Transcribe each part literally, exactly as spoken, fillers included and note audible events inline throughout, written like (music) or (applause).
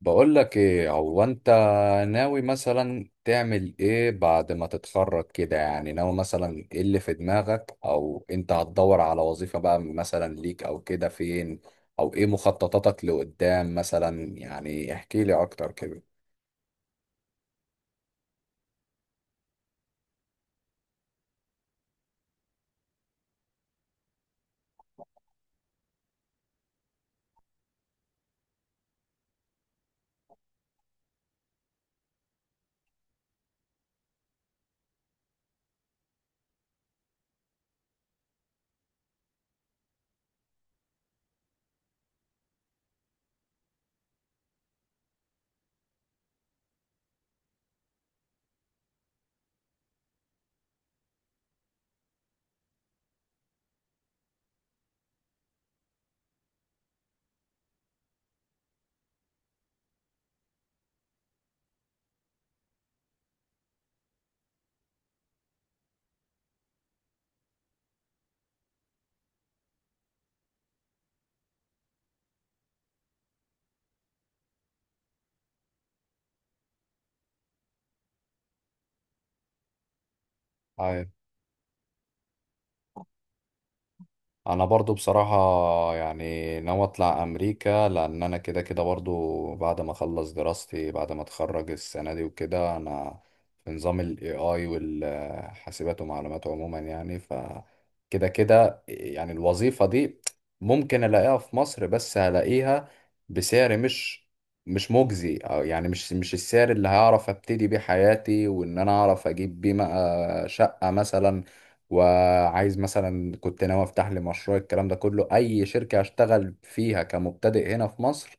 بقول لك ايه هو انت ناوي مثلا تعمل ايه بعد ما تتخرج كده؟ يعني ناوي مثلا ايه اللي في دماغك، او انت هتدور على وظيفة بقى مثلا ليك او كده فين؟ او ايه مخططاتك لقدام مثلا؟ يعني احكي لي اكتر كده. انا برضو بصراحة يعني ناوي اطلع امريكا، لان انا كده كده برضو بعد ما اخلص دراستي، بعد ما اتخرج السنة دي وكده، انا في نظام الاي اي والحاسبات ومعلومات عموما يعني. ف كده كده يعني الوظيفة دي ممكن الاقيها في مصر، بس هلاقيها بسعر مش مش مجزي، او يعني مش مش السعر اللي هعرف ابتدي بيه حياتي، وان انا اعرف اجيب بيه بقى شقة مثلا، وعايز مثلا كنت ناوي افتح لي مشروع الكلام ده كله. اي شركة هشتغل فيها كمبتدئ هنا في مصر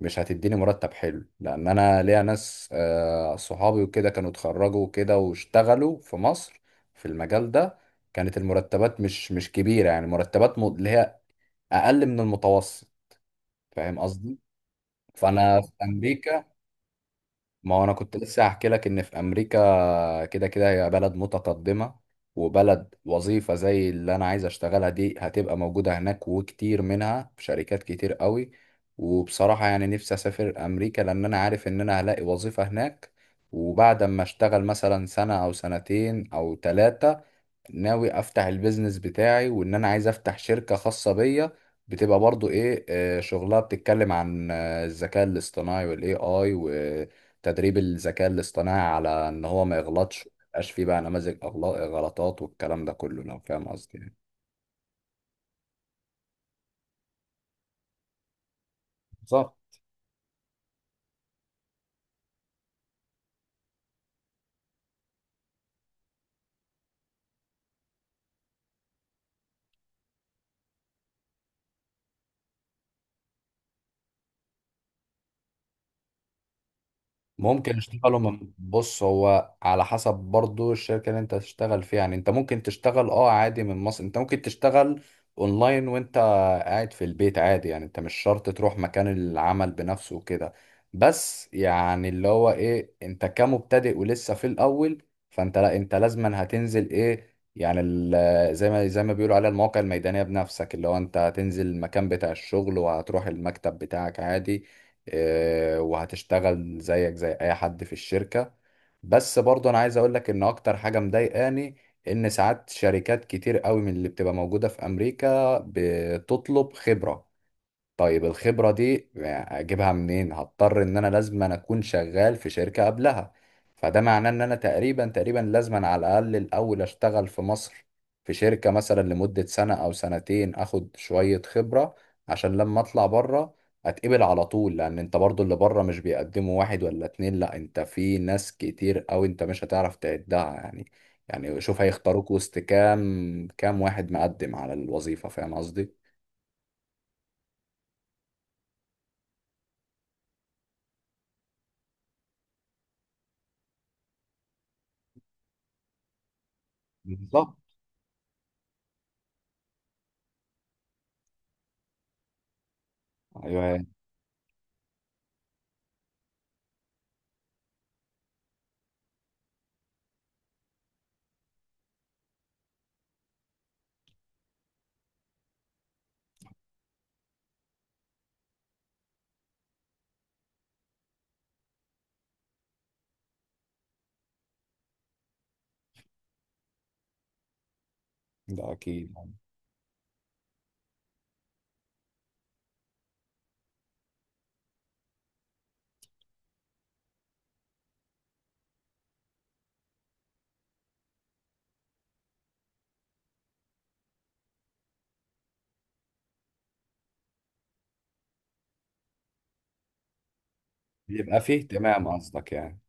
مش هتديني مرتب حلو، لان انا ليا ناس آه، صحابي وكده كانوا اتخرجوا وكده واشتغلوا في مصر في المجال ده. كانت المرتبات مش مش كبيرة، يعني مرتبات م- اللي هي اقل من المتوسط. فاهم قصدي؟ فانا في امريكا، ما هو انا كنت لسه هحكي لك ان في امريكا، فكده كده هي بلد متقدمة، وبلد وظيفة زي اللي أنا عايز أشتغلها دي هتبقى موجودة هناك وكتير منها في شركات كتير قوي. وبصراحة يعني نفسي أسافر أمريكا، لأن أنا عارف إن أنا هلاقي وظيفة هناك. وبعد ما أشتغل مثلا سنة أو سنتين أو تلاتة، ناوي افتح البيزنس بتاعي، وان انا عايز افتح شركة خاصة بيا بتبقى برضو ايه آه، شغلها بتتكلم عن آه، الذكاء الاصطناعي والاي اي، وتدريب الذكاء الاصطناعي على ان هو ما يغلطش، ما يبقاش فيه بقى نماذج أغلا- غلطات والكلام ده كله، لو فاهم قصدي يعني. بالظبط. ممكن اشتغلوا من بص، هو على حسب برضو الشركة اللي انت تشتغل فيها، يعني انت ممكن تشتغل اه عادي من مصر، انت ممكن تشتغل اونلاين وانت قاعد في البيت عادي يعني، انت مش شرط تروح مكان العمل بنفسه وكده. بس يعني اللي هو ايه، انت كمبتدئ ولسه في الاول، فانت لا، انت لازما هتنزل ايه يعني ال- زي ما زي ما بيقولوا عليها المواقع الميدانية بنفسك، اللي هو انت هتنزل المكان بتاع الشغل وهتروح المكتب بتاعك عادي. آه، وهتشتغل زيك زي اي حد في الشركة. بس برضو انا عايز اقول لك ان اكتر حاجة مضايقاني ان ساعات شركات كتير قوي من اللي بتبقى موجودة في امريكا بتطلب خبرة. طيب الخبرة دي اجيبها منين؟ هضطر ان انا لازم أنا اكون شغال في شركة قبلها. فده معناه ان انا تقريبا تقريبا لازم أنا على الاقل الاول اشتغل في مصر، في شركة مثلا لمدة سنة او سنتين، اخد شوية خبرة عشان لما اطلع بره اتقبل على طول. لان انت برضو اللي بره مش بيقدموا واحد ولا اتنين، لا انت في ناس كتير، او انت مش هتعرف تعدها يعني. يعني شوف، هيختاروك وسط كام كام واحد مقدم على الوظيفة؟ فاهم قصدي؟ بالظبط. ايوه، ده اكيد. بيبقى فيه اهتمام قصدك يعني؟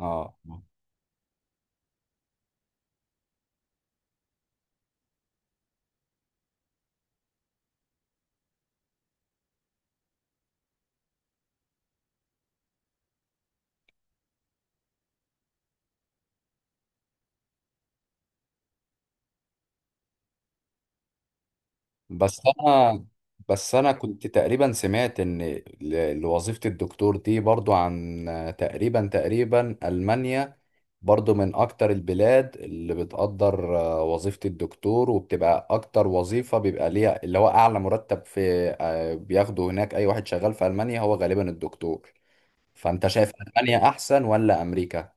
اه. بس انا بس انا كنت تقريبا سمعت ان ل- لوظيفة الدكتور دي برضو عن تقريبا تقريبا المانيا برضو من اكتر البلاد اللي بتقدر آه، وظيفة الدكتور، وبتبقى اكتر وظيفة بيبقى ليها اللي هو اعلى مرتب في آه، بياخده هناك، اي واحد شغال في المانيا هو غالبا الدكتور. فانت شايف المانيا احسن ولا امريكا؟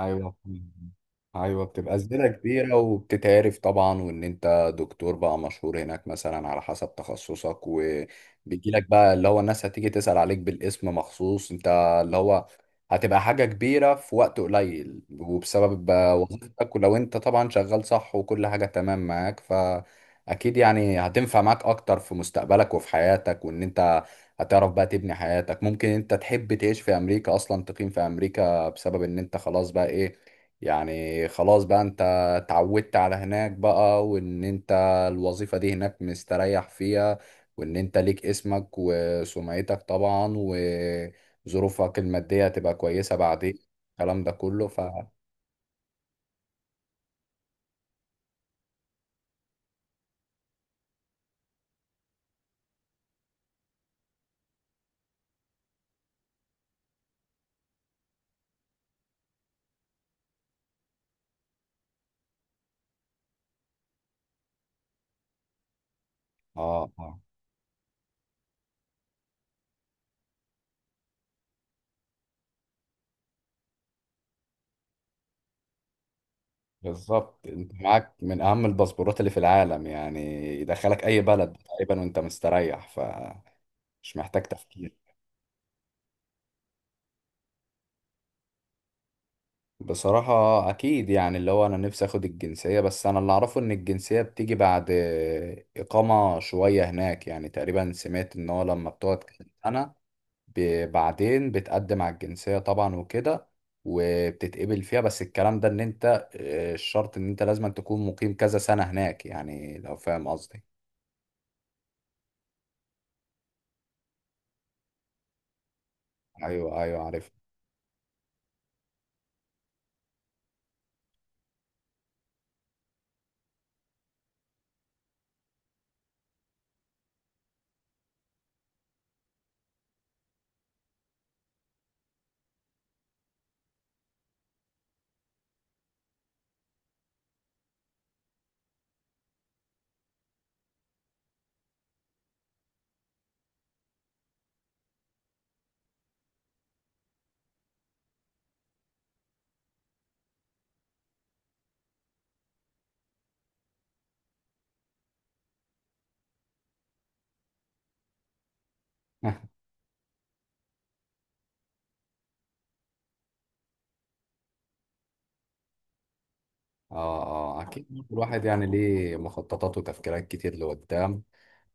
ايوه ايوه، بتبقى زباله كبيره وبتتعرف طبعا، وان انت دكتور بقى مشهور هناك مثلا على حسب تخصصك، وبيجي لك بقى اللي هو الناس هتيجي تسأل عليك بالاسم مخصوص انت. اللي هو هتبقى حاجه كبيره في وقت قليل، وبسبب بقى وظيفتك، ولو انت طبعا شغال صح وكل حاجه تمام معاك، فاكيد يعني هتنفع معاك اكتر في مستقبلك وفي حياتك، وان انت هتعرف بقى تبني حياتك، ممكن انت تحب تعيش في امريكا، اصلا تقيم في امريكا، بسبب ان انت خلاص بقى ايه، يعني خلاص بقى انت اتعودت على هناك بقى، وان انت الوظيفة دي هناك مستريح فيها، وان انت ليك اسمك وسمعتك طبعا، وظروفك المادية تبقى كويسة بعدين الكلام ده كله ف اه اه بالظبط. انت معاك من اهم الباسبورات اللي في العالم يعني، يدخلك اي بلد تقريبا وانت مستريح، فمش محتاج تفكير. بصراحة أكيد يعني اللي هو أنا نفسي أخد الجنسية، بس أنا اللي أعرفه إن الجنسية بتيجي بعد إقامة شوية هناك. يعني تقريبا سمعت إن هو لما بتقعد كام سنة، ب- بعدين بتقدم على الجنسية طبعا وكده، وبتتقبل فيها. بس الكلام ده إن أنت آه، الشرط إن أنت لازم تكون مقيم كذا سنة هناك، يعني لو فاهم قصدي. أيوه أيوه عارف. (laughs) آه آه أكيد. الواحد يعني ليه مخططات وتفكيرات كتير لقدام.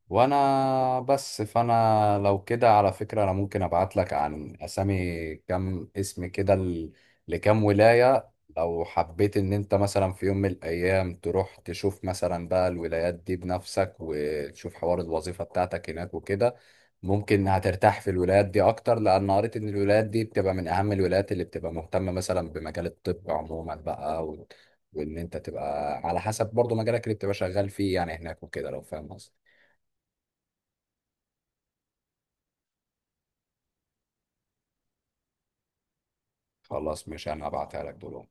وانا بس، فانا لو كده على فكرة، انا ممكن ابعت لك عن اسامي كم اسم كده ل- لكم ولاية، لو حبيت ان انت مثلا في يوم من الايام تروح تشوف مثلا بقى الولايات دي بنفسك، وتشوف حوار الوظيفة بتاعتك هناك وكده. ممكن هترتاح في الولايات دي اكتر، لان قريت ان الولايات دي بتبقى من اهم الولايات اللي بتبقى مهتمة مثلا بمجال الطب عموما بقى، و... وان انت تبقى على حسب برضو مجالك اللي بتبقى شغال فيه يعني هناك وكده، لو فاهم قصدي. خلاص ماشي، انا هبعتها لك دلوقتي.